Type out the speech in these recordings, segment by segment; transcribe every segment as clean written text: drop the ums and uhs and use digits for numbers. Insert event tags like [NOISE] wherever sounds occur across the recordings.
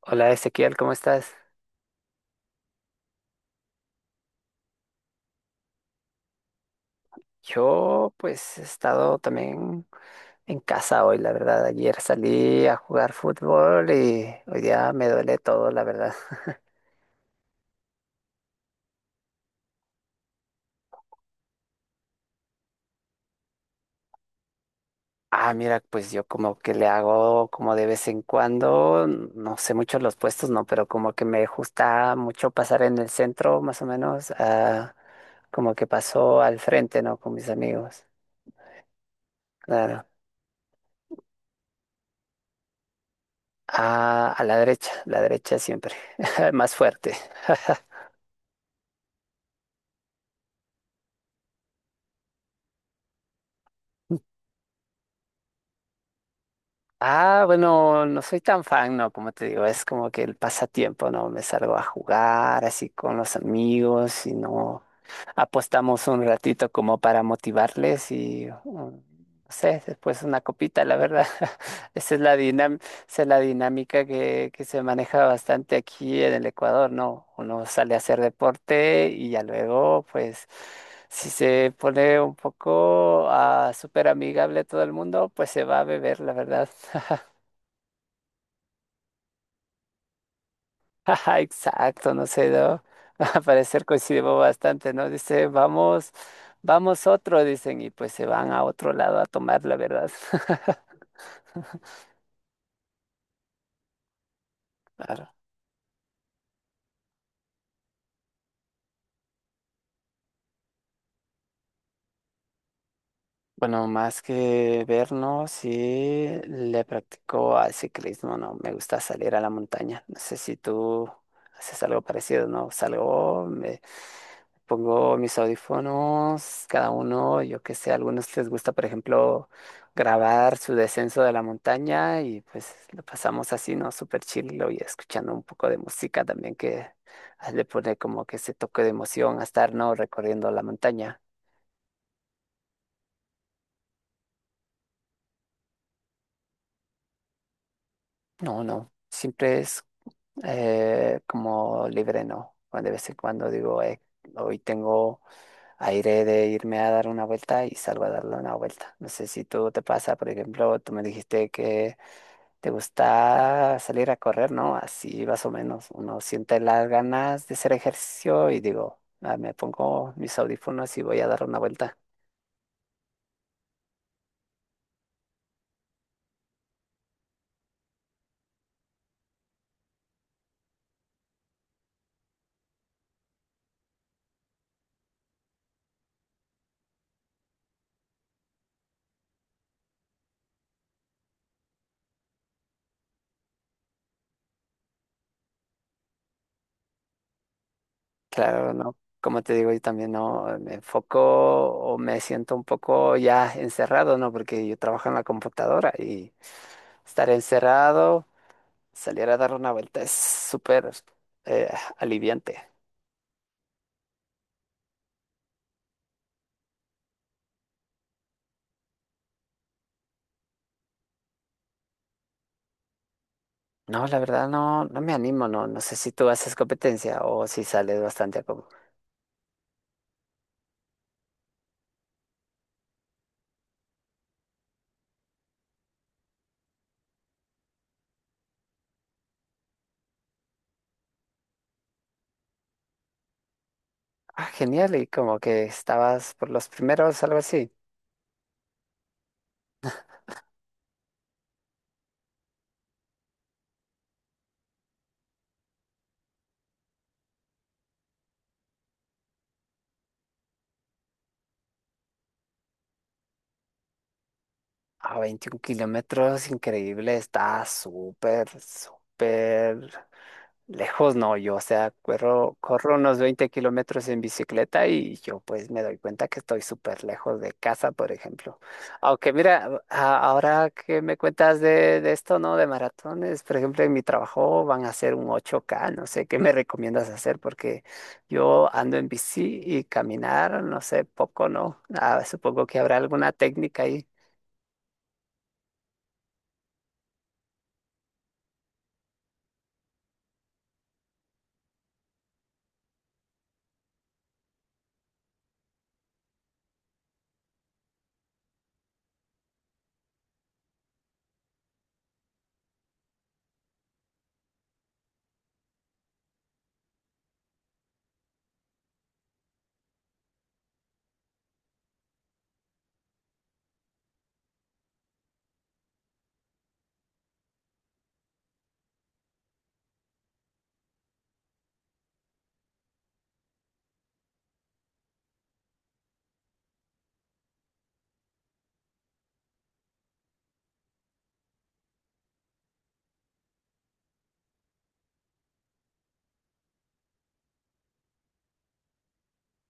Hola Ezequiel, ¿cómo estás? Yo pues he estado también en casa hoy, la verdad. Ayer salí a jugar fútbol y hoy día me duele todo, la verdad. [LAUGHS] Ah, mira, pues yo como que le hago como de vez en cuando, no sé mucho los puestos, no, pero como que me gusta mucho pasar en el centro, más o menos, como que paso al frente, ¿no? Con mis amigos, claro. Ah, a la derecha siempre, [LAUGHS] más fuerte. Ah, bueno, no soy tan fan, ¿no? Como te digo, es como que el pasatiempo, ¿no? Me salgo a jugar así con los amigos y no apostamos un ratito como para motivarles y, no sé, después una copita, la verdad. [LAUGHS] Esa es la dinam- esa es la dinámica que se maneja bastante aquí en el Ecuador, ¿no? Uno sale a hacer deporte y ya luego, pues. Si se pone un poco súper amigable todo el mundo, pues se va a beber, la verdad. [LAUGHS] Ajá, exacto, no sé, ¿no? [LAUGHS] Al parecer coincidimos bastante, ¿no? Dice, vamos, vamos otro, dicen, y pues se van a otro lado a tomar, la verdad. [LAUGHS] Claro. Bueno, más que vernos, sí le practico al ciclismo, ¿no? Me gusta salir a la montaña. No sé si tú haces algo parecido, ¿no? Salgo, me pongo mis audífonos, cada uno, yo qué sé, a algunos les gusta, por ejemplo, grabar su descenso de la montaña y pues lo pasamos así, ¿no? Súper chill y escuchando un poco de música también que le pone como que ese toque de emoción a estar, ¿no? Recorriendo la montaña. No, no. Siempre es como libre no. Cuando de vez en cuando digo, hoy tengo aire de irme a dar una vuelta y salgo a darle una vuelta." No sé si tú te pasa, por ejemplo, tú me dijiste que te gusta salir a correr, ¿no? Así más o menos. Uno siente las ganas de hacer ejercicio y digo, "Ah, me pongo mis audífonos y voy a dar una vuelta." Claro, no. Como te digo, yo también no me enfoco o me siento un poco ya encerrado, ¿no? Porque yo trabajo en la computadora y estar encerrado, salir a dar una vuelta es súper eh, aliviante. No, la verdad no, no me animo, no, no sé si tú haces competencia o si sales bastante a como, genial, y como que estabas por los primeros, algo así. A 21 kilómetros, increíble, está súper, súper. Lejos no, yo, o sea, corro unos 20 kilómetros en bicicleta y yo pues me doy cuenta que estoy súper lejos de casa, por ejemplo. Aunque mira, ahora que me cuentas de esto, ¿no? De maratones, por ejemplo, en mi trabajo van a hacer un 8K, no sé, ¿qué me recomiendas hacer? Porque yo ando en bici y caminar, no sé, poco, ¿no? Ah, supongo que habrá alguna técnica ahí.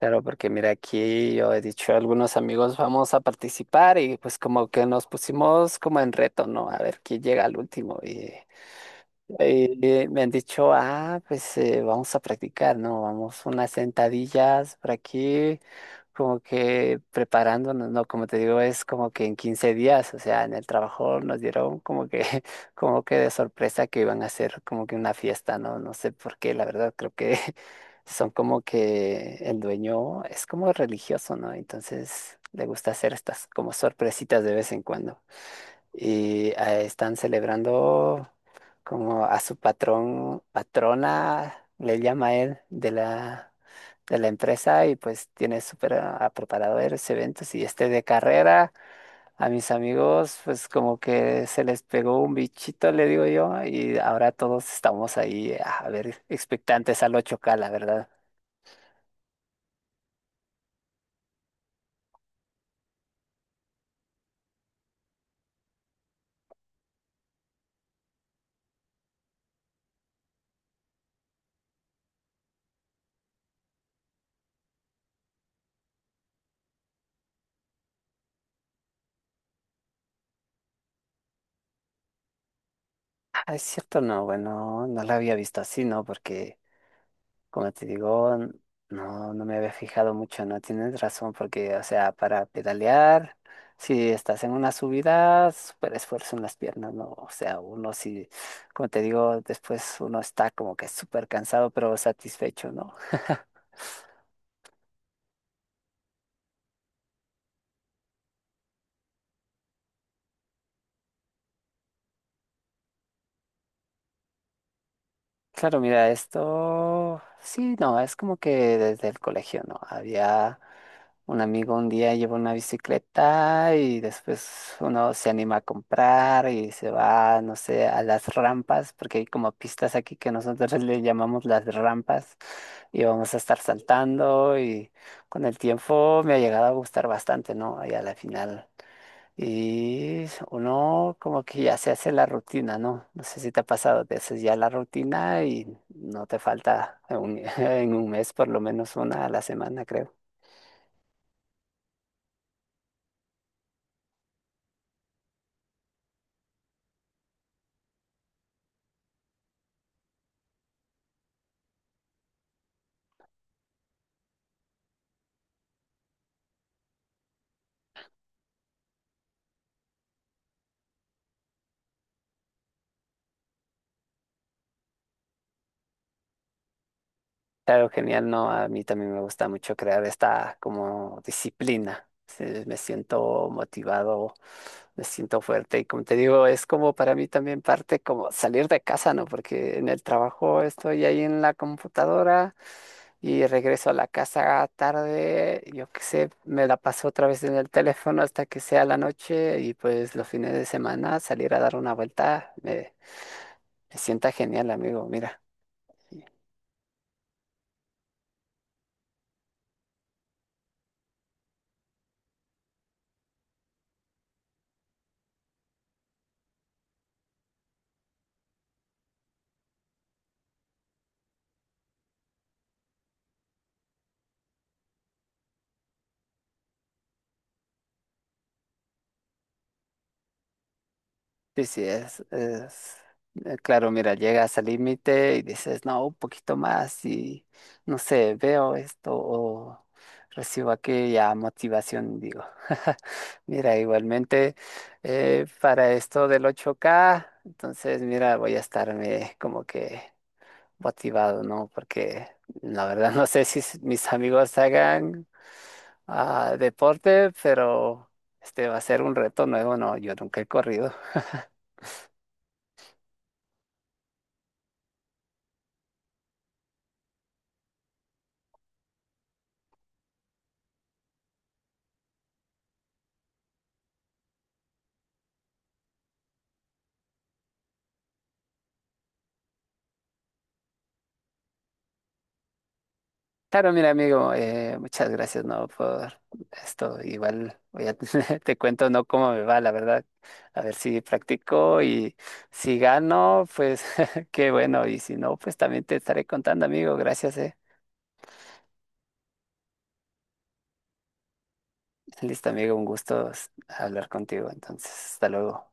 Claro, porque mira, aquí yo he dicho a algunos amigos vamos a participar y pues como que nos pusimos como en reto, ¿no? A ver quién llega al último. Y me han dicho, pues vamos a practicar, ¿no? Vamos unas sentadillas por aquí, como que preparándonos, ¿no? Como te digo, es como que en 15 días, o sea, en el trabajo nos dieron como que, [LAUGHS] como que de sorpresa que iban a hacer como que una fiesta, ¿no? No sé por qué, la verdad, creo que son como que el dueño es como religioso, ¿no? Entonces le gusta hacer estas como sorpresitas de vez en cuando. Y están celebrando como a su patrón, patrona, le llama él, de la, empresa y pues tiene súper a preparado varios eventos y este de carrera. A mis amigos, pues como que se les pegó un bichito, le digo yo, y ahora todos estamos ahí, a ver, expectantes al 8K, la verdad. Ah, es cierto, no, bueno, no la había visto así, ¿no? Porque, como te digo, no, no me había fijado mucho, ¿no? Tienes razón, porque, o sea, para pedalear, si estás en una subida, súper esfuerzo en las piernas, ¿no? O sea, uno sí, como te digo, después uno está como que súper cansado, pero satisfecho, ¿no? Claro, mira, esto sí, no, es como que desde el colegio, ¿no? Había un amigo un día llevó una bicicleta y después uno se anima a comprar y se va, no sé, a las rampas, porque hay como pistas aquí que nosotros [LAUGHS] le llamamos las rampas y vamos a estar saltando y con el tiempo me ha llegado a gustar bastante, ¿no? Y a la final. Y uno como que ya se hace la rutina, ¿no? No sé si te ha pasado, te haces ya la rutina y no te falta en un, [LAUGHS] en un mes por lo menos una a la semana, creo. Claro, genial, ¿no? A mí también me gusta mucho crear esta como disciplina. Sí, me siento motivado, me siento fuerte y como te digo, es como para mí también parte como salir de casa, ¿no? Porque en el trabajo estoy ahí en la computadora y regreso a la casa tarde, yo qué sé, me la paso otra vez en el teléfono hasta que sea la noche y pues los fines de semana salir a dar una vuelta me sienta genial, amigo, mira. Sí, sí, es, claro, mira, llegas al límite y dices, no, un poquito más y, no sé, veo esto o recibo aquella motivación, digo. [LAUGHS] Mira, igualmente, para esto del 8K entonces, mira, voy a estarme como que motivado, ¿no? Porque la verdad no sé si mis amigos hagan deporte, pero este va a ser un reto nuevo, ¿no? Yo nunca he corrido. Claro, mira, amigo, muchas gracias, ¿no? Por esto. Igual voy a, [LAUGHS] te cuento, ¿no? Cómo me va, la verdad. A ver si practico y si gano, pues [LAUGHS] qué bueno. Y si no, pues también te estaré contando, amigo. Gracias. Listo, amigo, un gusto hablar contigo. Entonces, hasta luego.